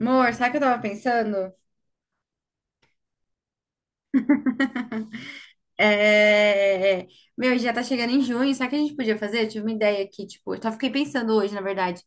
Amor, sabe o que eu tava pensando? É... Meu, já tá chegando em junho, sabe o que a gente podia fazer? Eu tive uma ideia aqui, tipo, eu só fiquei pensando hoje, na verdade,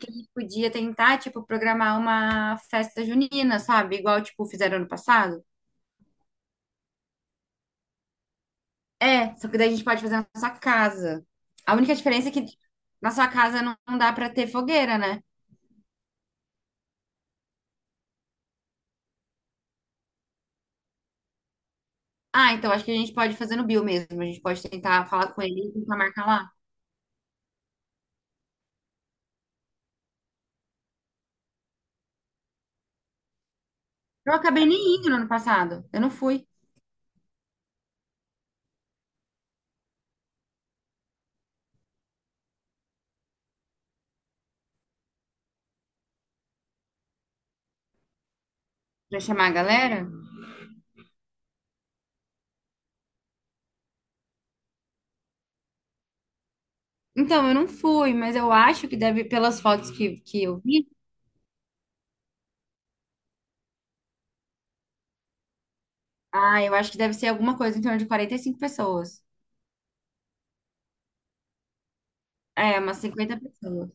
que a gente podia tentar, tipo, programar uma festa junina, sabe? Igual, tipo, fizeram ano passado. É, só que daí a gente pode fazer na nossa casa. A única diferença é que na sua casa não dá pra ter fogueira, né? Ah, então acho que a gente pode fazer no Bill mesmo. A gente pode tentar falar com ele e tentar marcar lá. Eu acabei nem indo no ano passado. Eu não fui. Pra chamar a galera? Então, eu não fui, mas eu acho que deve, pelas fotos que eu vi, ah, eu acho que deve ser alguma coisa em torno de 45 pessoas. É, umas 50 pessoas.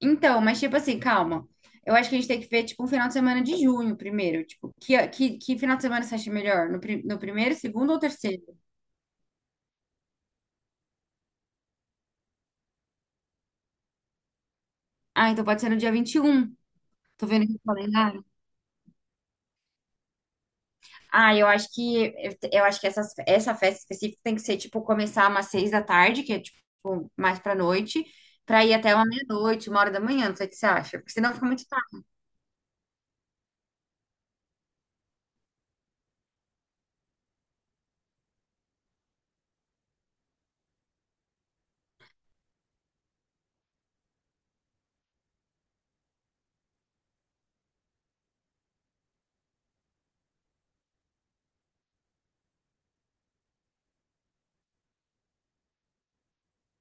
Então, mas tipo assim, calma. Eu acho que a gente tem que ver, tipo, um final de semana de junho primeiro. Tipo, que final de semana você acha melhor? No primeiro, segundo ou terceiro? Ah, então pode ser no dia 21. Tô vendo aqui o calendário. Ah, eu acho que essa festa específica tem que ser tipo começar umas 6 da tarde, que é tipo mais pra noite, pra ir até uma meia-noite, 1 hora da manhã, não sei o que você acha, porque senão fica muito tarde.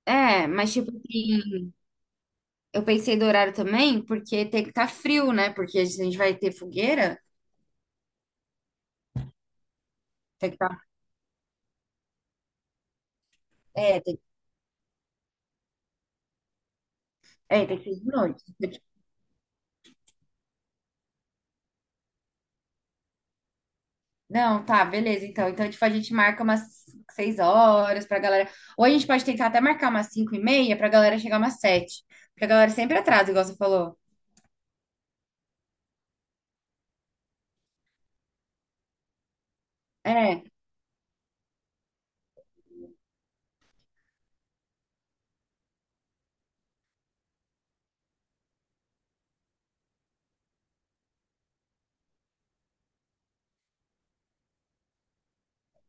É, mas eu pensei do horário também, porque tem que estar frio, né? Porque se a gente vai ter fogueira, tem que estar. é, tem, tem que ser de noite. Então, tipo, não, tá, beleza. Então, tipo, a gente marca umas 6 horas pra galera. Ou a gente pode tentar até marcar umas 5h30 pra galera chegar umas 7h. Porque a galera sempre atrasa, igual você falou. É,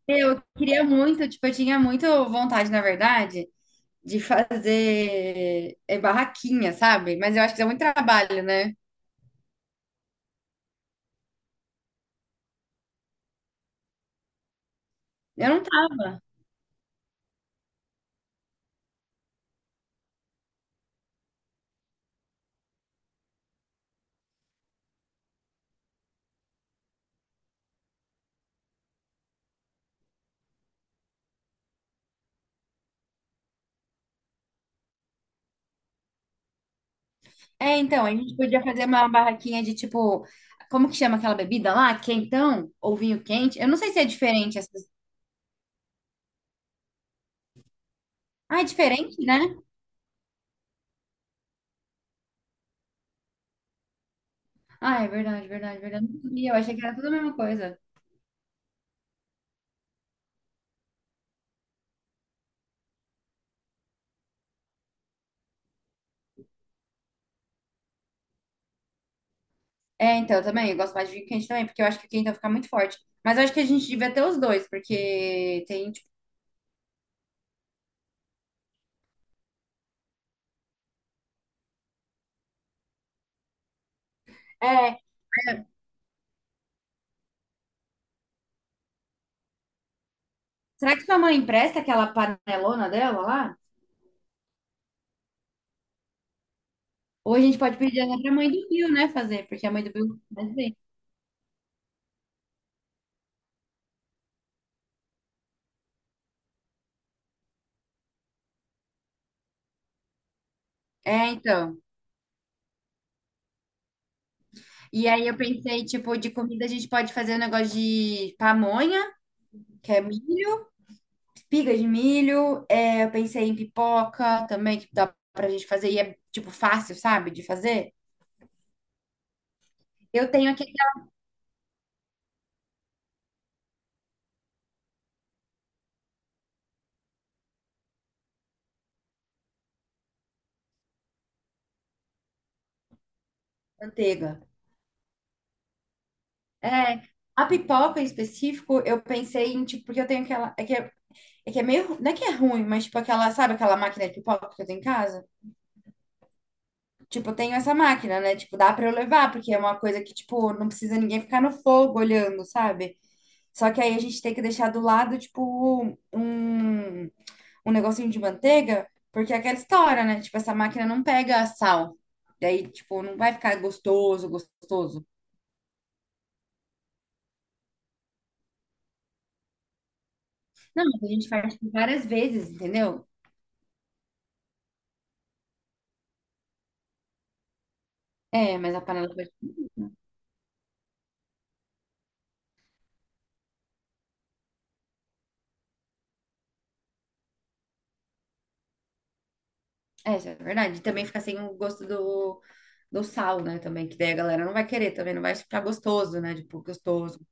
eu queria muito, tipo, eu tinha muito vontade, na verdade, de fazer barraquinha, sabe? Mas eu acho que dá muito trabalho, né? Eu não tava. É, então, a gente podia fazer uma barraquinha de tipo, como que chama aquela bebida lá? Quentão ou vinho quente? Eu não sei se é diferente essas. Ah, é diferente, né? Ah, é verdade, verdade, verdade. Não sabia. Eu achei que era tudo a mesma coisa. É, então, eu também, eu gosto mais de vinho quente também, porque eu acho que o quentão fica muito forte. Mas eu acho que a gente devia ter os dois, porque tem, tipo, é. Será que sua mãe empresta aquela panelona dela lá? Ou a gente pode pedir até pra mãe do Bill, né, fazer, porque a mãe do Bill faz bem. É, então. E aí eu pensei, tipo, de comida a gente pode fazer um negócio de pamonha, que é milho, espiga de milho. Eu pensei em pipoca também, que dá pra gente fazer e é, tipo, fácil, sabe, de fazer. Eu tenho aquele da manteiga. É, a pipoca em específico, eu pensei em, tipo, porque eu tenho aquela, é que é meio, não é que é ruim, mas tipo aquela, sabe aquela máquina de pipoca que eu tenho em casa? Tipo, eu tenho essa máquina, né? Tipo, dá pra eu levar, porque é uma coisa que, tipo, não precisa ninguém ficar no fogo olhando, sabe? Só que aí a gente tem que deixar do lado, tipo, um negocinho de manteiga, porque é aquela história, né? Tipo, essa máquina não pega sal. Daí, tipo, não vai ficar gostoso, gostoso. Não, mas a gente faz tipo, várias vezes, entendeu? É, mas a panela. É, isso é verdade. E também fica sem o gosto do sal, né? Também, que daí a galera não vai querer, também não vai ficar gostoso, né? Tipo, gostoso.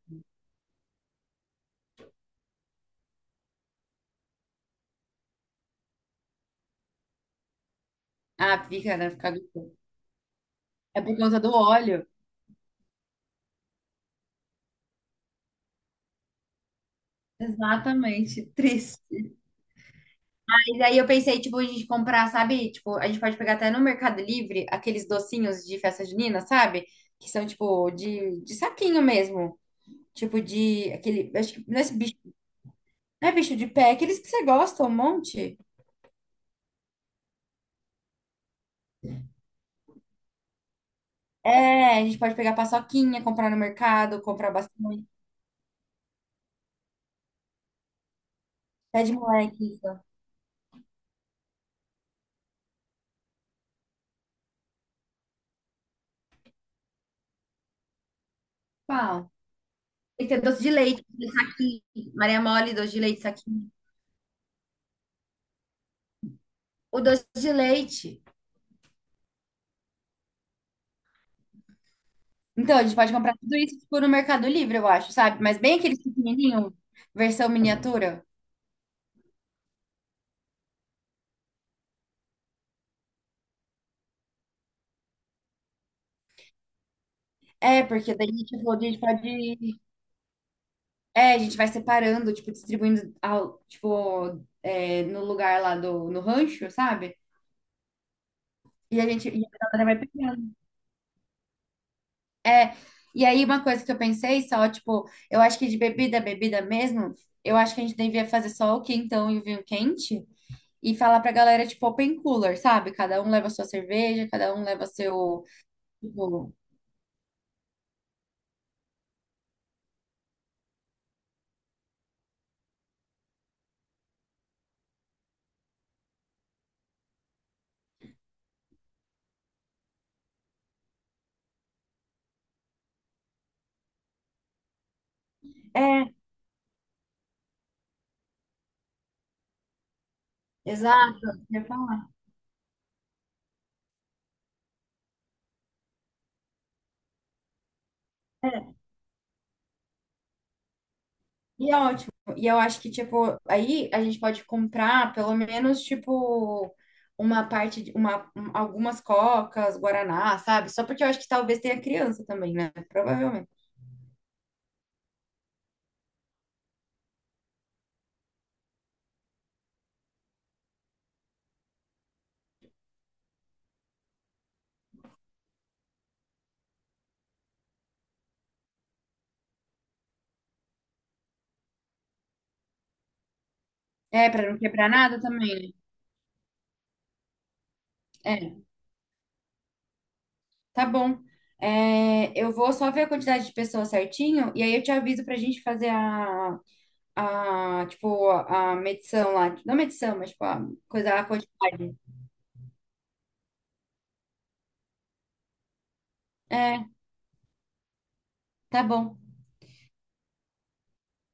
Ah, fica, né? Fica gostoso. É por conta do óleo. Exatamente. Triste. Mas aí eu pensei, tipo, a gente comprar, sabe? Tipo, a gente pode pegar até no Mercado Livre aqueles docinhos de festa junina, sabe? Que são, tipo, de saquinho mesmo. Tipo, de aquele. Acho que não é esse bicho. Não é bicho de pé, é aqueles que você gosta, um monte. É, a gente pode pegar paçoquinha, comprar no mercado, comprar bastante. Pé de moleque, isso. Qual? Tem que ter doce de leite, saquinho. Maria mole, doce de leite, saquinho. O doce de leite. Então, a gente pode comprar tudo isso, tipo, no Mercado Livre, eu acho, sabe? Mas bem aqueles pequenininhos, versão miniatura. É, porque daí, tipo, a gente pode... É, a gente vai separando, tipo, distribuindo, ao, tipo, no lugar lá no rancho, sabe? E a galera vai pegando. É, e aí uma coisa que eu pensei só, tipo, eu acho que de bebida, bebida mesmo, eu acho que a gente devia fazer só o quentão e o vinho quente e falar pra galera, tipo, open cooler, sabe? Cada um leva a sua cerveja, cada um leva seu... tipo, é, exato, eu ia falar. É, e é ótimo. E eu acho que, tipo, aí a gente pode comprar pelo menos, tipo, uma parte, algumas cocas, guaraná, sabe? Só porque eu acho que talvez tenha criança também, né? Provavelmente. É, pra não quebrar nada também, né? É, tá bom. É, eu vou só ver a quantidade de pessoas certinho e aí eu te aviso pra gente fazer a, tipo, a medição lá. Não medição, mas, tipo, a coisa, a quantidade. É, tá bom.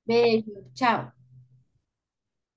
Beijo, tchau.